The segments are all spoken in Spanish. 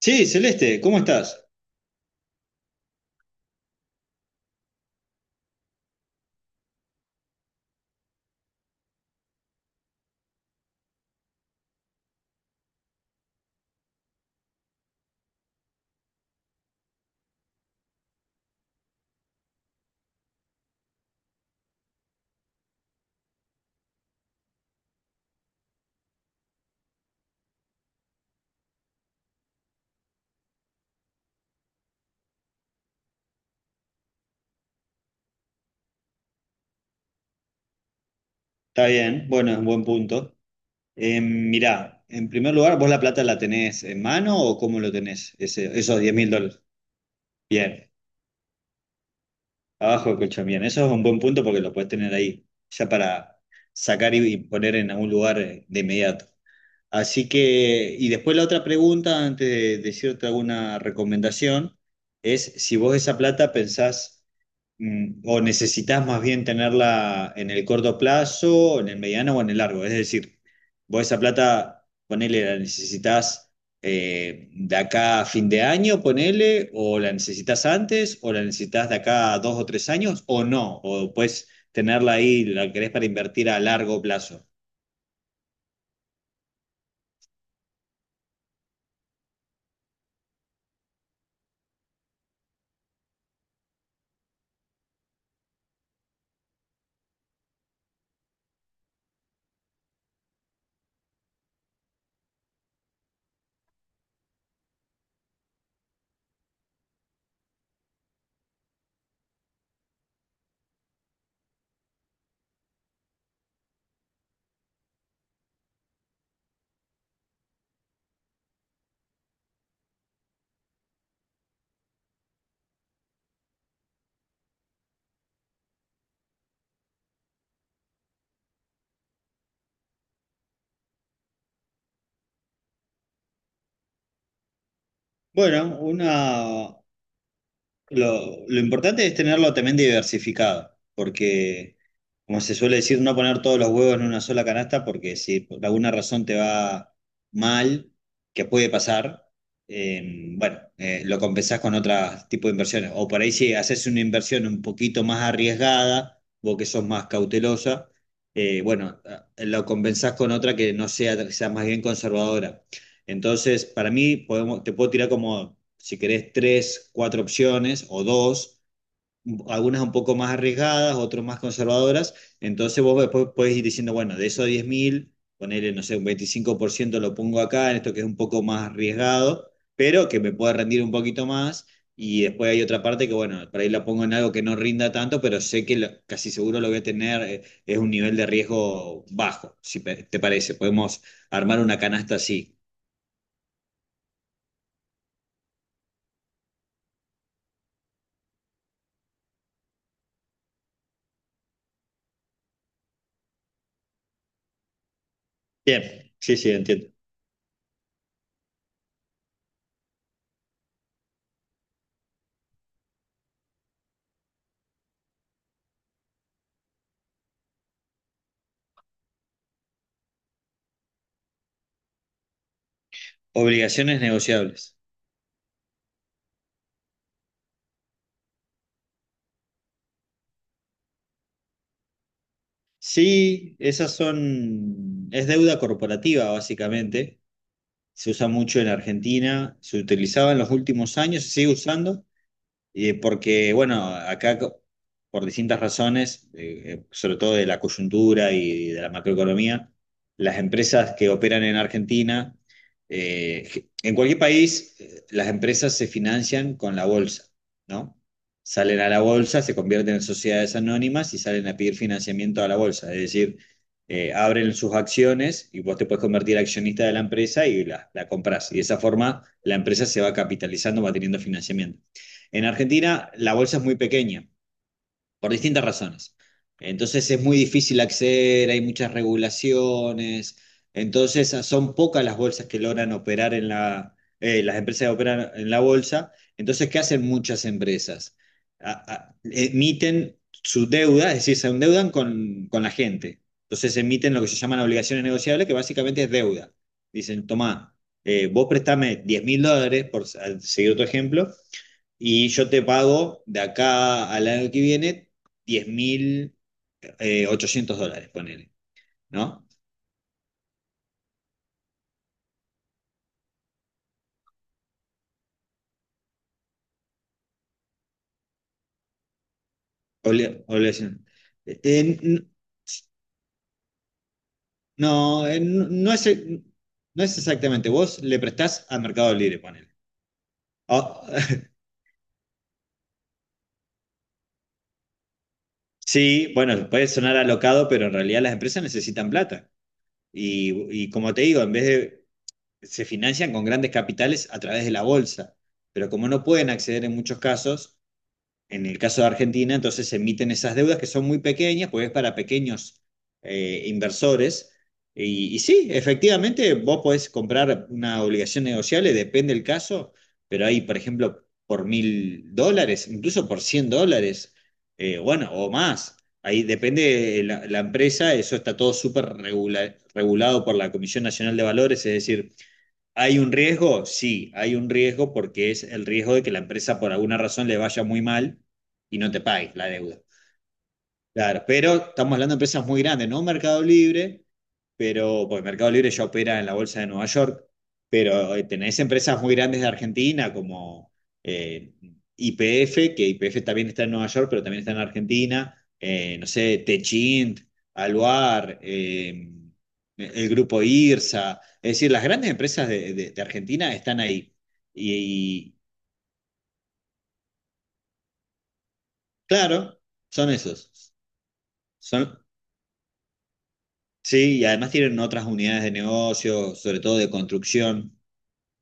Sí, Celeste, ¿cómo estás? Está bien, bueno, es un buen punto. Mirá, en primer lugar, ¿vos la plata la tenés en mano o cómo lo tenés? Esos $10.000. Bien, abajo del colchón, bien. Eso es un buen punto porque lo puedes tener ahí, ya para sacar y poner en algún lugar de inmediato. Así que, y después la otra pregunta, antes de decirte alguna recomendación, es si vos esa plata pensás, o necesitas más bien tenerla en el corto plazo, en el mediano o en el largo. Es decir, vos esa plata, ponele, la necesitas de acá a fin de año, ponele, o la necesitas antes, o la necesitas de acá a 2 o 3 años, o no, o puedes tenerla ahí, la querés para invertir a largo plazo. Bueno, lo importante es tenerlo también diversificado, porque, como se suele decir, no poner todos los huevos en una sola canasta, porque si por alguna razón te va mal, que puede pasar, bueno, lo compensás con otro tipo de inversiones. O por ahí si haces una inversión un poquito más arriesgada, vos que sos más cautelosa, bueno, lo compensás con otra que no sea, que sea más bien conservadora. Entonces, para mí, podemos, te puedo tirar como, si querés, tres, cuatro opciones o dos, algunas un poco más arriesgadas, otras más conservadoras. Entonces, vos después podés ir diciendo, bueno, de esos 10.000 ponerle, no sé, un 25% lo pongo acá, en esto que es un poco más arriesgado, pero que me pueda rendir un poquito más. Y después hay otra parte que, bueno, por ahí la pongo en algo que no rinda tanto, pero sé que casi seguro lo voy a tener, es un nivel de riesgo bajo, si te parece. Podemos armar una canasta así. Bien, sí, sí, entiendo. Obligaciones negociables. Sí, esas son, es deuda corporativa básicamente. Se usa mucho en Argentina, se utilizaba en los últimos años, se sigue usando. Porque, bueno, acá por distintas razones, sobre todo de la coyuntura y de la macroeconomía, las empresas que operan en Argentina, en cualquier país, las empresas se financian con la bolsa, ¿no? Salen a la bolsa, se convierten en sociedades anónimas y salen a pedir financiamiento a la bolsa. Es decir, abren sus acciones y vos te puedes convertir accionista de la empresa y la compras. Y de esa forma la empresa se va capitalizando, va teniendo financiamiento. En Argentina la bolsa es muy pequeña, por distintas razones. Entonces es muy difícil acceder, hay muchas regulaciones, entonces son pocas las bolsas que logran operar en las empresas que operan en la bolsa. Entonces, ¿qué hacen muchas empresas? A- Emiten su deuda, es decir, se endeudan con la gente. Entonces emiten lo que se llaman obligaciones negociables, que básicamente es deuda. Dicen, tomá, vos prestame $10.000, al seguir otro ejemplo, y yo te pago de acá al año que viene diez mil $800, ponele, ¿no? Obligación. Eh, eh, n- no, no es, no es exactamente, vos le prestás a Mercado Libre, ponele. Oh, sí, bueno, puede sonar alocado, pero en realidad las empresas necesitan plata. Y como te digo, en vez de, se financian con grandes capitales a través de la bolsa, pero como no pueden acceder en muchos casos, en el caso de Argentina, entonces se emiten esas deudas que son muy pequeñas, pues es para pequeños inversores. Y sí, efectivamente, vos podés comprar una obligación negociable, depende del caso, pero hay, por ejemplo, por $1.000, incluso por $100, bueno, o más. Ahí depende de la empresa, eso está todo súper regulado por la Comisión Nacional de Valores, es decir, ¿hay un riesgo? Sí, hay un riesgo porque es el riesgo de que la empresa por alguna razón le vaya muy mal y no te pague la deuda. Claro, pero estamos hablando de empresas muy grandes, no Mercado Libre, pero porque Mercado Libre ya opera en la Bolsa de Nueva York, pero tenés empresas muy grandes de Argentina como IPF, que IPF también está en Nueva York, pero también está en Argentina, no sé, Techint, Aluar, el grupo IRSA, es decir, las grandes empresas de Argentina están ahí. Y, y, claro, son esos, son. Sí, y además tienen otras unidades de negocio, sobre todo de construcción,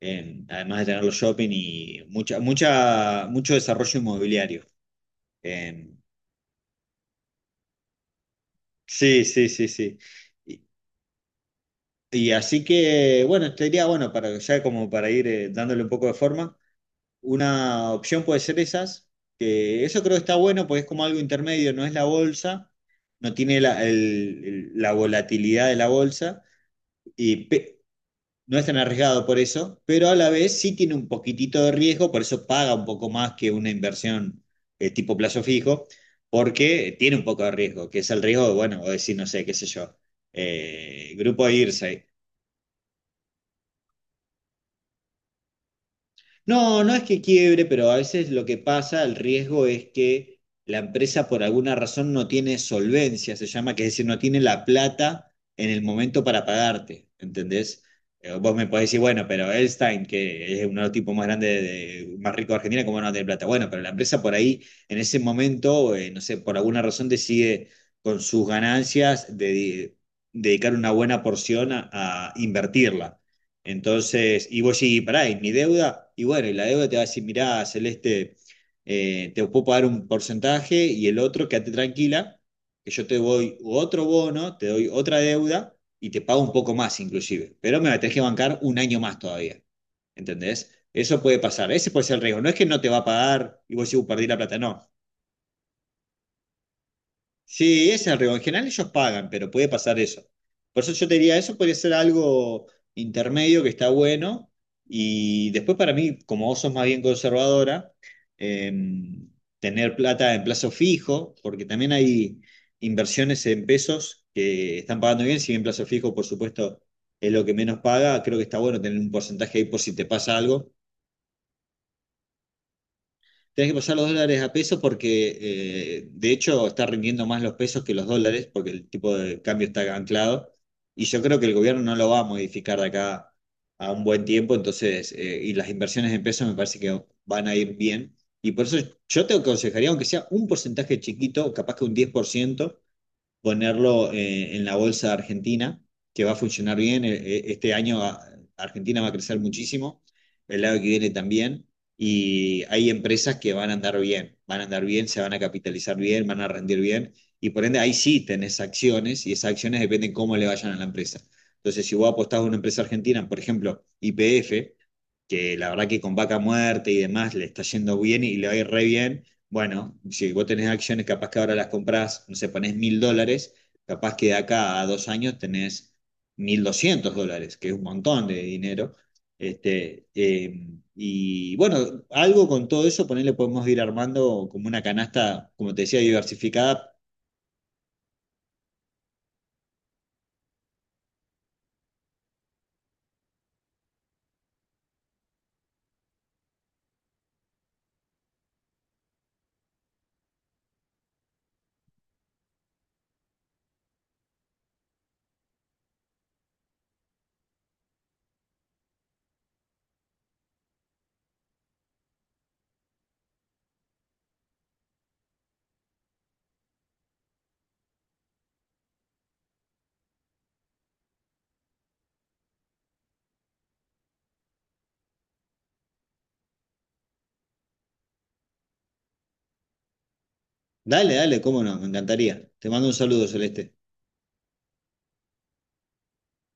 además de tener los shopping y mucho desarrollo inmobiliario. En- sí, sí, sí, sí. Y, y así que, bueno, te diría, bueno, para, ya como para ir dándole un poco de forma, una opción puede ser esas, que eso creo que está bueno, porque es como algo intermedio, no es la bolsa, no tiene la volatilidad de la bolsa. Y no es tan arriesgado por eso, pero a la vez sí tiene un poquitito de riesgo, por eso paga un poco más que una inversión tipo plazo fijo, porque tiene un poco de riesgo, que es el riesgo, bueno, o decir, no sé, qué sé yo, grupo de IRSA. No, no es que quiebre, pero a veces lo que pasa, el riesgo es que la empresa por alguna razón no tiene solvencia, se llama, que es decir, no tiene la plata en el momento para pagarte, ¿entendés? Vos me podés decir, bueno, pero Elstein, que es uno de los tipos más grandes, más ricos de Argentina, ¿cómo no tiene plata? Bueno, pero la empresa por ahí, en ese momento, no sé, por alguna razón decide con sus ganancias dedicar una buena porción a invertirla. Entonces, y vos sí, pará, ¿y mi deuda? Y bueno, y la deuda te va a decir, mirá, Celeste, te puedo pagar un porcentaje y el otro, quédate tranquila, que yo te doy otro bono, te doy otra deuda y te pago un poco más inclusive, pero me la tenés que bancar un año más todavía, ¿entendés? Eso puede pasar, ese puede ser el riesgo, no es que no te va a pagar y vos sí, perdí la plata, no. Sí, es el riesgo. En general ellos pagan, pero puede pasar eso. Por eso yo te diría, eso podría ser algo intermedio que está bueno. Y después para mí, como vos sos más bien conservadora, em, tener plata en plazo fijo, porque también hay inversiones en pesos que están pagando bien, si bien plazo fijo, por supuesto, es lo que menos paga, creo que está bueno tener un porcentaje ahí por si te pasa algo. Tenés que pasar los dólares a pesos porque, de hecho, está rindiendo más los pesos que los dólares porque el tipo de cambio está anclado. Y yo creo que el gobierno no lo va a modificar de acá a un buen tiempo. Entonces, y las inversiones en pesos me parece que van a ir bien. Y por eso yo te aconsejaría, aunque sea un porcentaje chiquito, capaz que un 10% ponerlo en la bolsa Argentina, que va a funcionar bien. Este año Argentina va a crecer muchísimo, el año que viene también, y hay empresas que van a andar bien, van a andar bien, se van a capitalizar bien, van a rendir bien, y por ende ahí sí tenés acciones, y esas acciones dependen cómo le vayan a la empresa. Entonces, si vos apostás a una empresa argentina, por ejemplo, YPF, que la verdad que con vaca muerte y demás le está yendo bien y le va a ir re bien. Bueno, si vos tenés acciones, capaz que ahora las comprás, no sé, ponés $1.000, capaz que de acá a 2 años tenés $1.200, que es un montón de dinero. Este, y bueno, algo con todo eso, ponele, podemos ir armando como una canasta, como te decía, diversificada. Dale, dale, cómo no, me encantaría. Te mando un saludo, Celeste.